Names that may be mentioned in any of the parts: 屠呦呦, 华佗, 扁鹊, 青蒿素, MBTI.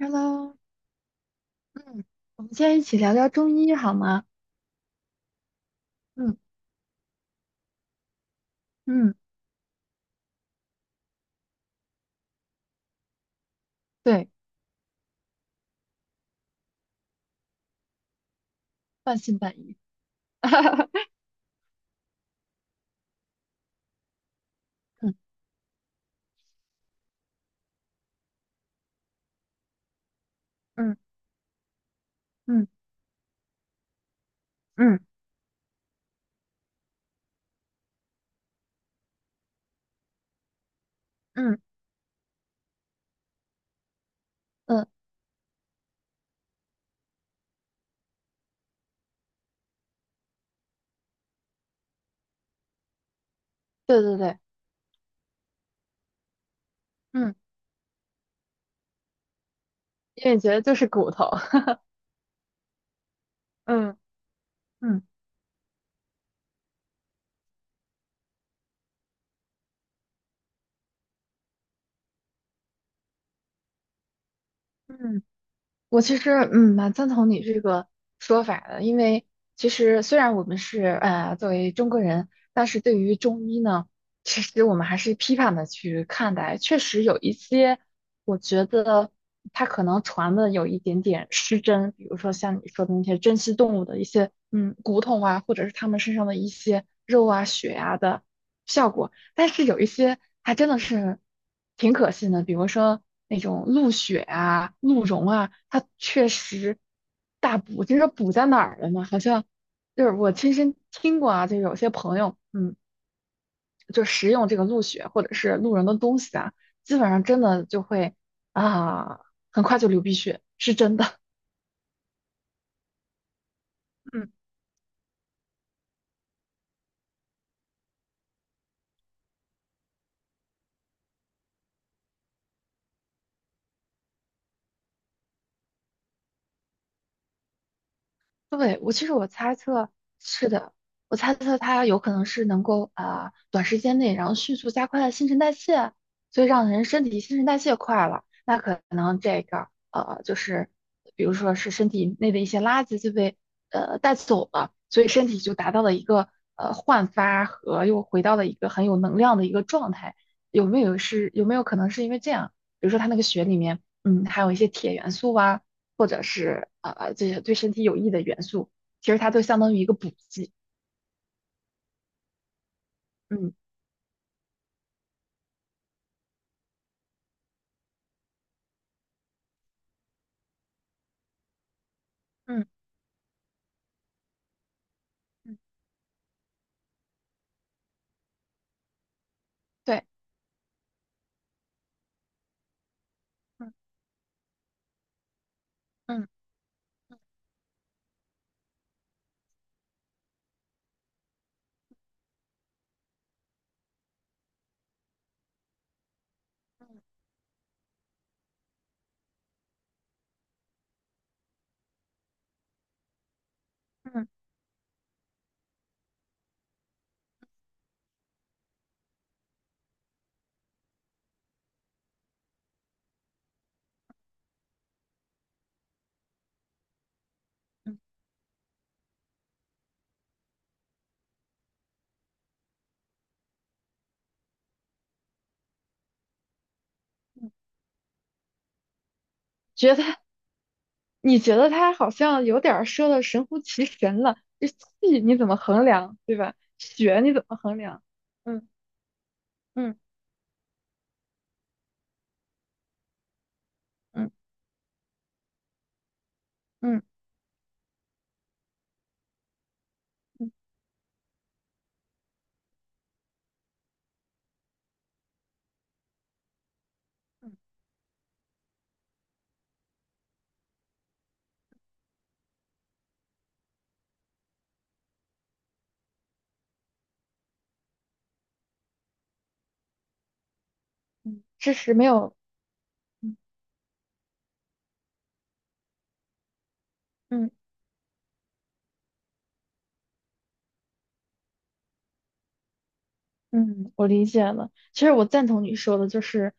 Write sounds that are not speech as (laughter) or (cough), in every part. Hello，嗯，我们现在一起聊聊中医好吗？嗯嗯，对，半信半疑。(laughs) 嗯嗯嗯嗯嗯嗯，对对对，嗯，因为觉得就是骨头。(laughs) 嗯嗯嗯我其实蛮赞同你这个说法的，因为其实虽然我们是作为中国人，但是对于中医呢，其实我们还是批判的去看待，确实有一些我觉得它可能传的有一点点失真，比如说像你说的那些珍稀动物的一些骨头啊，或者是它们身上的一些肉啊、血啊的。效果。但是有一些还真的是挺可信的，比如说那种鹿血啊、鹿茸啊，它确实大补。就是补在哪儿了呢？好像就是我亲身听过啊，就有些朋友，就食用这个鹿血或者是鹿茸的东西啊，基本上真的就会啊，很快就流鼻血，是真的。(laughs) 嗯。对，我其实我猜测是的，我猜测它有可能是能够啊、短时间内，然后迅速加快新陈代谢，所以让人身体新陈代谢快了，那可能这个就是比如说是身体内的一些垃圾就被带走了，所以身体就达到了一个焕发和又回到了一个很有能量的一个状态，有没有可能是因为这样？比如说它那个血里面含有一些铁元素啊。或者是这些对身体有益的元素，其实它都相当于一个补剂。嗯，嗯嗯对，嗯嗯嗯嗯嗯嗯，觉得你觉得它好像有点儿说的神乎其神了，这气你怎么衡量，对吧？血你怎么衡量？嗯嗯嗯嗯嗯嗯嗯嗯知识没有。嗯嗯。嗯，我理解了。其实我赞同你说的，就是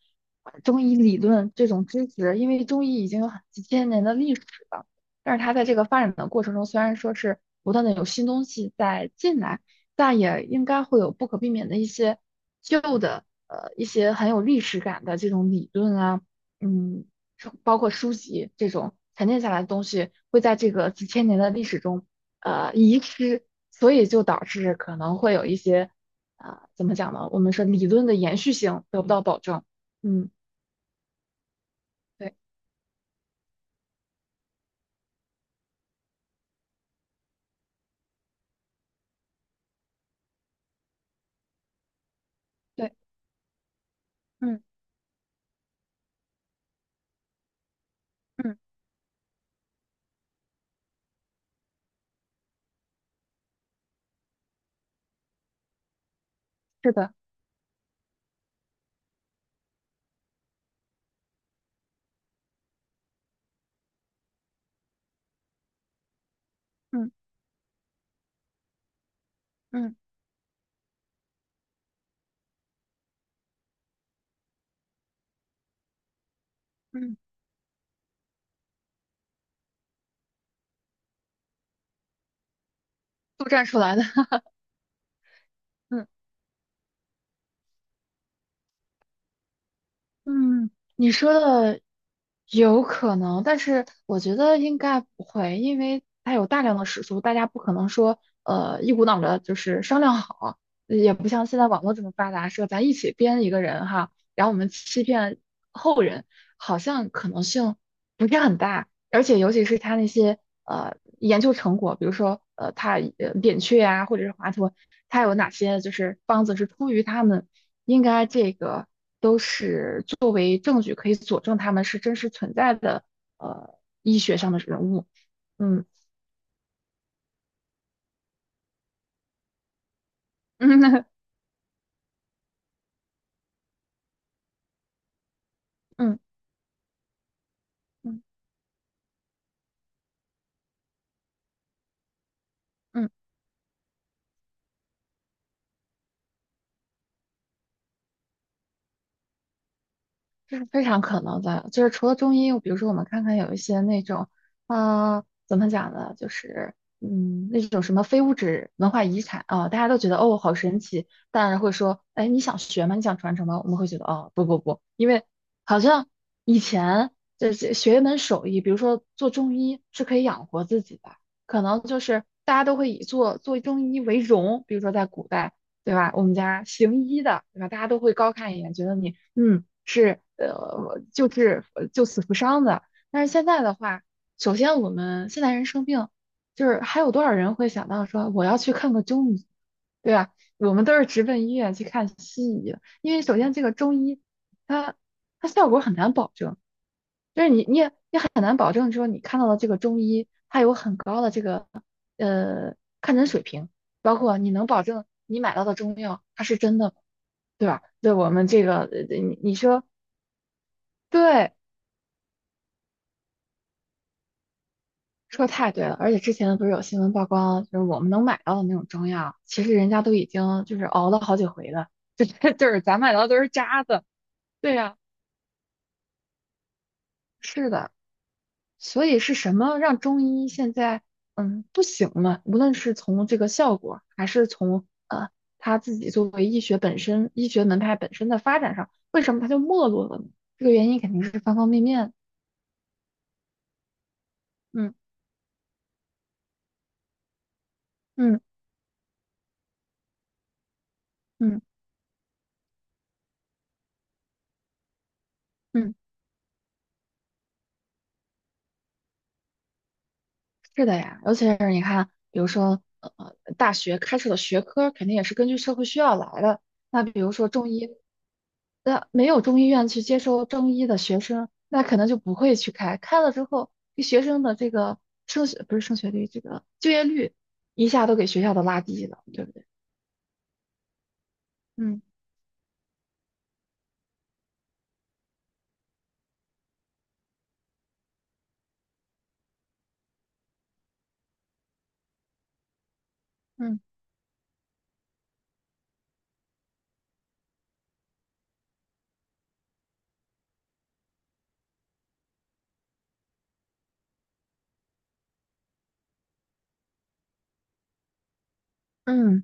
中医理论这种知识，因为中医已经有很几千年的历史了，但是它在这个发展的过程中，虽然说是不断的有新东西在进来，但也应该会有不可避免的一些旧的，一些很有历史感的这种理论啊，嗯，包括书籍这种沉淀下来的东西，会在这个几千年的历史中，遗失，所以就导致可能会有一些。啊、怎么讲呢？我们说理论的延续性得不到保证。嗯，对对，嗯嗯，是的，嗯嗯嗯，都站出来的。(laughs) 嗯嗯，你说的有可能，但是我觉得应该不会，因为它有大量的史书，大家不可能说一股脑的就是商量好，也不像现在网络这么发达，说咱一起编一个人哈，然后我们欺骗后人，好像可能性不是很大。而且尤其是他那些研究成果，比如说他扁鹊啊，或者是华佗，他有哪些就是方子是出于他们，应该这个都是作为证据可以佐证他们是真实存在的医学上的人物。嗯 (laughs) 嗯嗯嗯嗯。这是非常可能的，就是除了中医，比如说我们看看有一些那种，啊、怎么讲呢，就是那种什么非物质文化遗产啊、大家都觉得哦好神奇，当然会说，哎，你想学吗？你想传承吗？我们会觉得哦不不不，因为好像以前这学一门手艺，比如说做中医是可以养活自己的，可能就是大家都会以做中医为荣，比如说在古代。对吧？我们家行医的，对吧？大家都会高看一眼，觉得你是救死扶伤的。但是现在的话，首先我们现代人生病，就是还有多少人会想到说我要去看个中医，对啊，我们都是直奔医院去看西医的因为首先这个中医，它它效果很难保证，就是你也很难保证说你看到的这个中医，它有很高的这个看诊水平，包括你能保证你买到的中药它是真的吗，对吧？对我们这个你说对，说太对了，而且之前不是有新闻曝光，就是我们能买到的那种中药，其实人家都已经就是熬了好几回了，(laughs) 就是咱买到的都是渣子，对呀。是的，所以是什么让中医现在不行呢？无论是从这个效果，还是从他自己作为医学本身、医学门派本身的发展上，为什么他就没落了呢？这个原因肯定是方方面面。嗯嗯嗯嗯。是的呀，尤其是你看，比如说，大学开设的学科肯定也是根据社会需要来的。那比如说中医，那没有中医院去接收中医的学生，那可能就不会去开。开了之后，这学生的这个升学不是升学率，这个就业率一下都给学校都拉低了，对不对？嗯嗯嗯。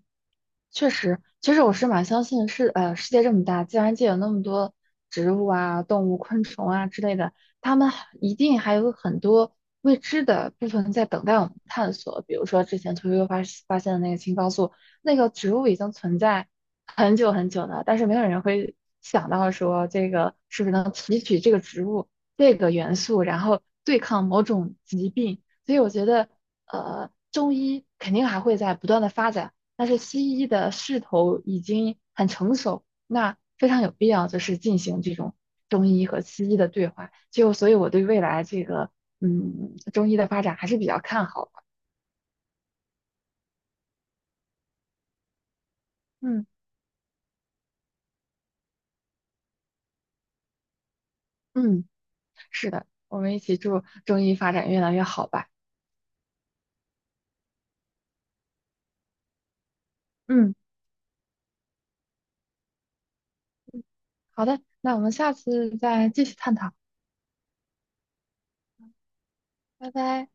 确实，其实我是蛮相信世界这么大，自然界有那么多植物啊、动物、昆虫啊之类的，它们还一定还有很多未知的部分在等待我们探索。比如说之前屠呦呦发现的那个青蒿素，那个植物已经存在很久很久了，但是没有人会想到说这个是不是能提取这个植物这个元素，然后对抗某种疾病。所以我觉得，中医肯定还会在不断的发展。但是西医的势头已经很成熟，那非常有必要就是进行这种中医和西医的对话。就所以我对未来这个中医的发展还是比较看好的。嗯嗯，是的，我们一起祝中医发展越来越好吧。嗯，好的，那我们下次再继续探讨，拜拜。